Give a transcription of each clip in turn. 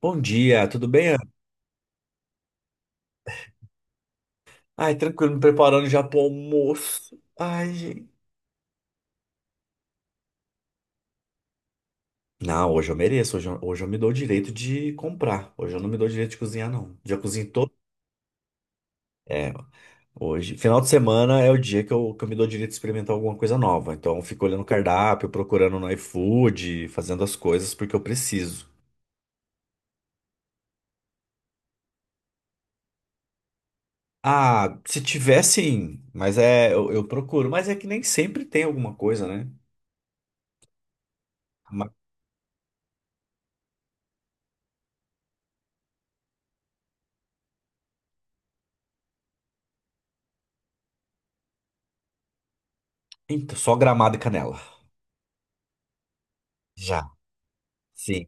Bom dia, tudo bem? Ana? Ai, tranquilo, me preparando já pro almoço. Ai, gente. Não, hoje eu mereço, hoje eu me dou o direito de comprar. Hoje eu não me dou o direito de cozinhar, não. Já cozinhei todo. É, hoje. Final de semana é o dia que eu me dou o direito de experimentar alguma coisa nova. Então eu fico olhando o cardápio, procurando no iFood, fazendo as coisas porque eu preciso. Ah, se tiver sim, mas é, eu procuro. Mas é que nem sempre tem alguma coisa, né? Mas, então, só gramado e canela. Já, sim.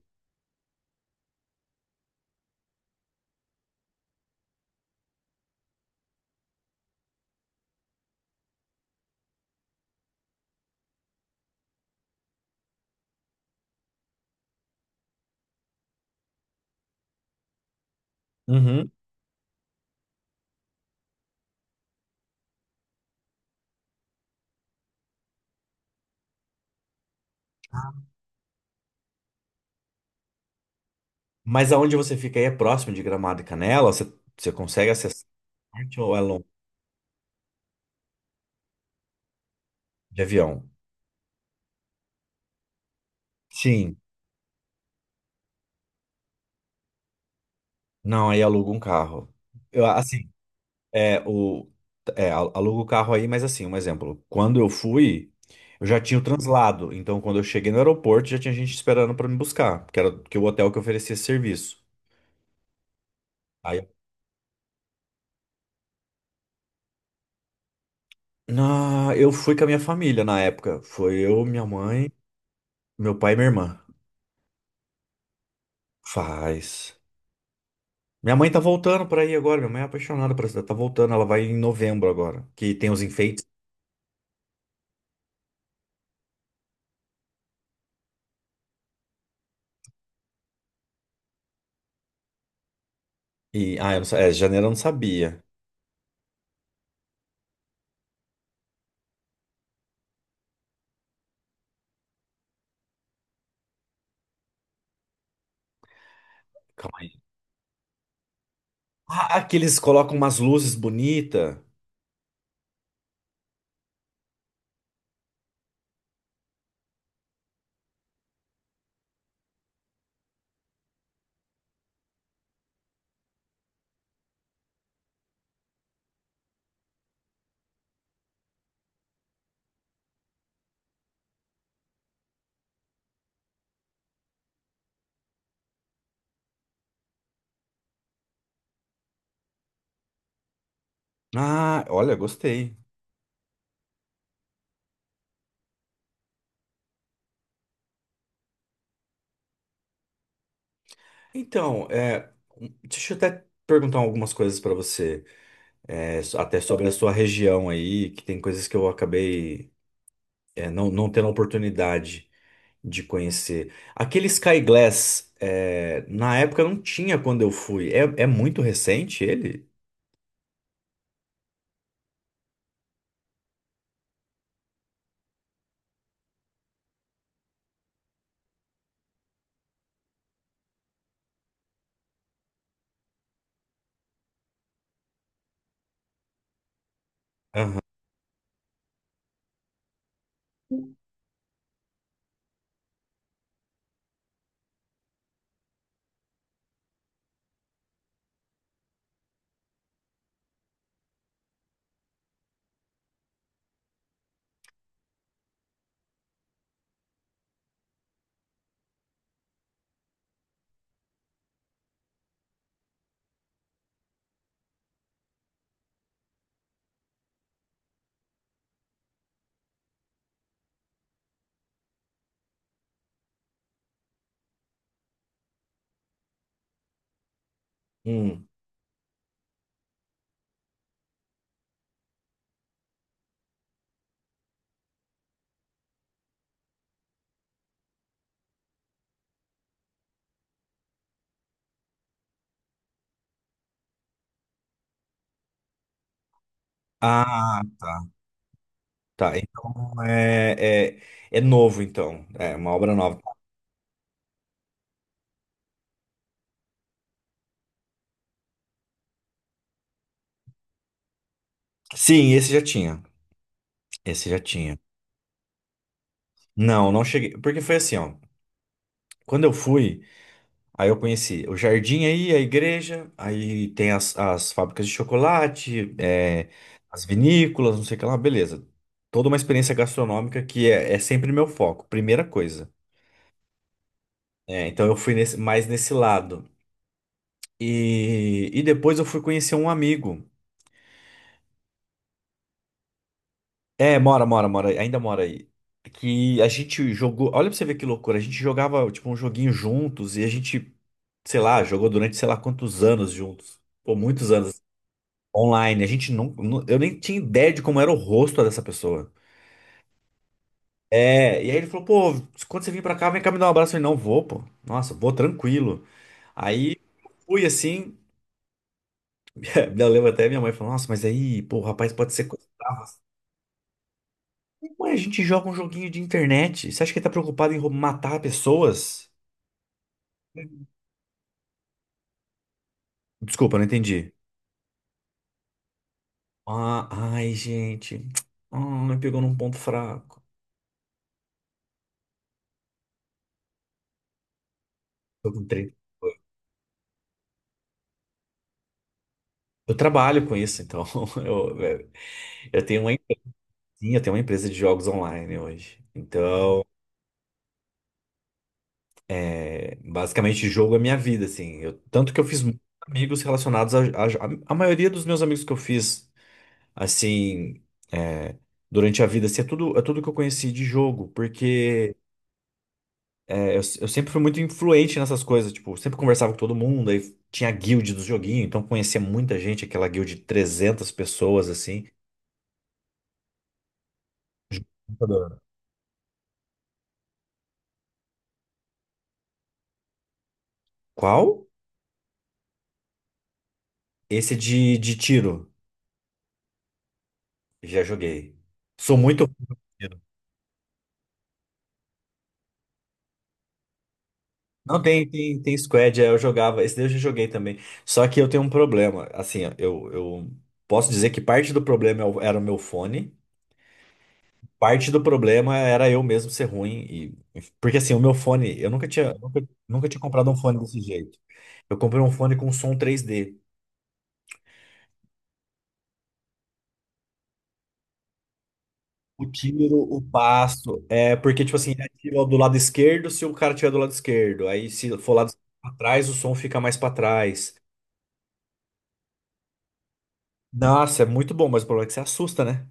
Uhum. Mas aonde você fica aí é próximo de Gramado e Canela? Você, você consegue acessar ou é longe de avião? Sim. Não, aí aluga um carro. Eu, assim, é, o, é, aluga o carro aí, mas assim, um exemplo. Quando eu fui, eu já tinha o translado. Então, quando eu cheguei no aeroporto, já tinha gente esperando pra me buscar, que era que o hotel que oferecia esse serviço. Aí, na, eu fui com a minha família na época. Foi eu, minha mãe, meu pai e minha irmã. Faz. Minha mãe tá voltando pra aí agora. Minha mãe é apaixonada por essa cidade. Tá voltando, ela vai em novembro agora. Que tem os enfeites. E, ah, eu não, é, janeiro eu não sabia. Calma aí. Ah, que eles colocam umas luzes bonitas. Ah, olha, gostei. Então, é, deixa eu até perguntar algumas coisas pra você. É, até sobre a sua região aí, que tem coisas que eu acabei, é, não tendo a oportunidade de conhecer. Aquele Sky Glass, é, na época não tinha quando eu fui. É, é muito recente ele? Aham. Hum. Ah, tá. Tá. Então é novo, então. É uma obra nova. Sim, esse já tinha. Esse já tinha. Não, não cheguei. Porque foi assim, ó. Quando eu fui, aí eu conheci o jardim aí, a igreja, aí tem as fábricas de chocolate, é, as vinícolas, não sei o que lá, beleza. Toda uma experiência gastronômica que é, é sempre meu foco, primeira coisa. É, então eu fui mais nesse lado. E depois eu fui conhecer um amigo. É, mora, ainda mora aí. Que a gente jogou, olha pra você ver que loucura, a gente jogava tipo um joguinho juntos e a gente, sei lá, jogou durante sei lá quantos anos juntos, ou muitos anos online. A gente eu nem tinha ideia de como era o rosto dessa pessoa. É, e aí ele falou, pô, quando você vir pra cá, vem cá me dar um abraço. Eu falei, não, vou, pô. Nossa, vou tranquilo. Aí fui assim, eu lembro até minha mãe falou, nossa, mas aí, pô, o rapaz pode ser Mas a gente joga um joguinho de internet. Você acha que ele tá preocupado em matar pessoas? Desculpa, não entendi. Ah, ai, gente. Ah, me pegou num ponto fraco. Eu, entrei- eu trabalho com isso, então. Eu, eu- eu tenho uma empresinha, eu tenho uma empresa de jogos online hoje. Então, é, basicamente, jogo é minha vida, assim. Tanto que eu fiz muitos amigos relacionados a maioria dos meus amigos que eu fiz, assim, é, durante a vida, assim, é tudo que eu conheci de jogo, porque. É, eu sempre fui muito influente nessas coisas, tipo, sempre conversava com todo mundo, aí tinha a guild do joguinho, então conhecia muita gente, aquela guild de 300 pessoas, assim. Computador. Qual? Esse de tiro. Já joguei. Sou muito. Não, tem squad, é, eu jogava. Esse daí eu já joguei também. Só que eu tenho um problema. Assim, ó, eu posso dizer que parte do problema é era o meu fone. Parte do problema era eu mesmo ser ruim. E, porque assim, o meu fone, eu nunca tinha comprado um fone desse jeito. Eu comprei um fone com som 3D. O tiro, o passo. É porque, tipo assim, ele ativa do lado esquerdo se o cara tiver do lado esquerdo. Aí, se for lado esquerdo pra trás, o som fica mais pra trás. Nossa, é muito bom, mas o problema é que você assusta, né?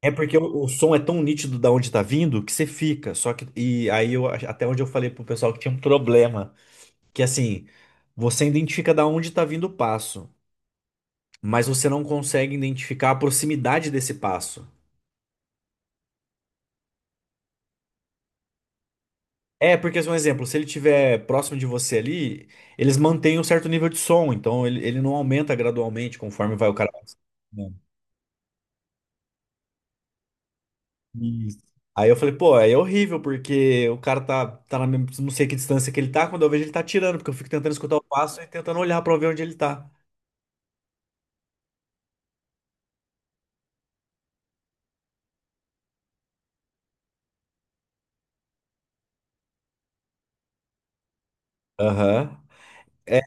É porque o som é tão nítido da onde tá vindo que você fica. Só que. E aí, eu, até onde eu falei pro pessoal que tinha um problema. Que assim, você identifica da onde tá vindo o passo, mas você não consegue identificar a proximidade desse passo. É, porque, assim, um exemplo, se ele estiver próximo de você ali, eles mantêm um certo nível de som, então ele não aumenta gradualmente conforme vai o cara. Não. Isso. Aí eu falei, pô, é horrível, porque o cara tá na mesma, não sei que distância que ele tá, quando eu vejo ele tá tirando, porque eu fico tentando escutar o passo e tentando olhar pra ver onde ele tá. Aham. É,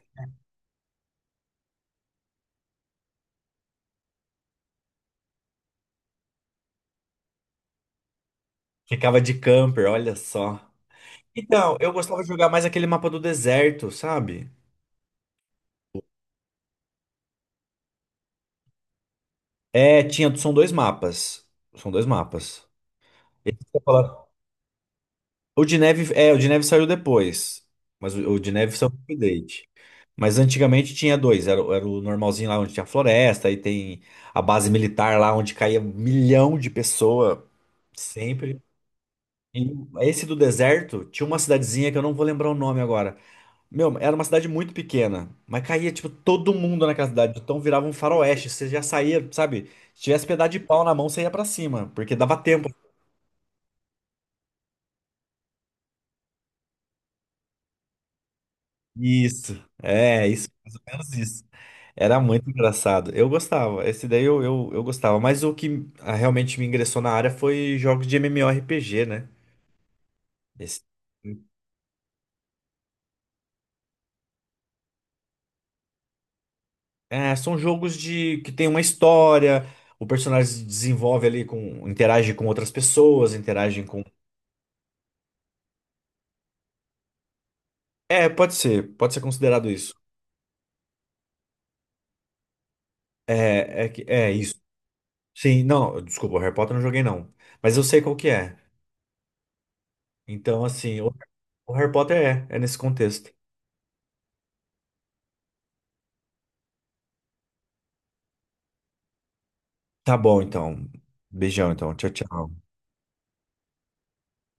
ficava de camper, olha só. Então, eu gostava de jogar mais aquele mapa do deserto, sabe? É, tinha, são dois mapas. São dois mapas. Esse que eu tô falando o de neve, é, o de neve saiu depois. Mas o de neve saiu com update. Mas antigamente tinha dois. Era, era o normalzinho lá onde tinha floresta, aí tem a base militar lá onde caía milhão de pessoas sempre. E esse do deserto tinha uma cidadezinha que eu não vou lembrar o nome agora. Meu, era uma cidade muito pequena, mas caía, tipo, todo mundo naquela cidade. Então virava um faroeste. Você já saía, sabe? Se tivesse pedaço de pau na mão, você ia pra cima, porque dava tempo. Isso, é, isso, mais ou menos isso. Era muito engraçado. Eu gostava, esse daí eu gostava, mas o que ah, realmente me ingressou na área foi jogos de MMORPG, né? Esse- é, são jogos de que tem uma história, o personagem se desenvolve ali com, interage com outras pessoas, interage com. É, pode ser considerado isso. Que- é isso. Sim, não, desculpa, o Harry Potter eu não joguei não, mas eu sei qual que é. Então, assim, o Harry Potter é, é nesse contexto. Tá bom, então. Beijão, então. Tchau, tchau.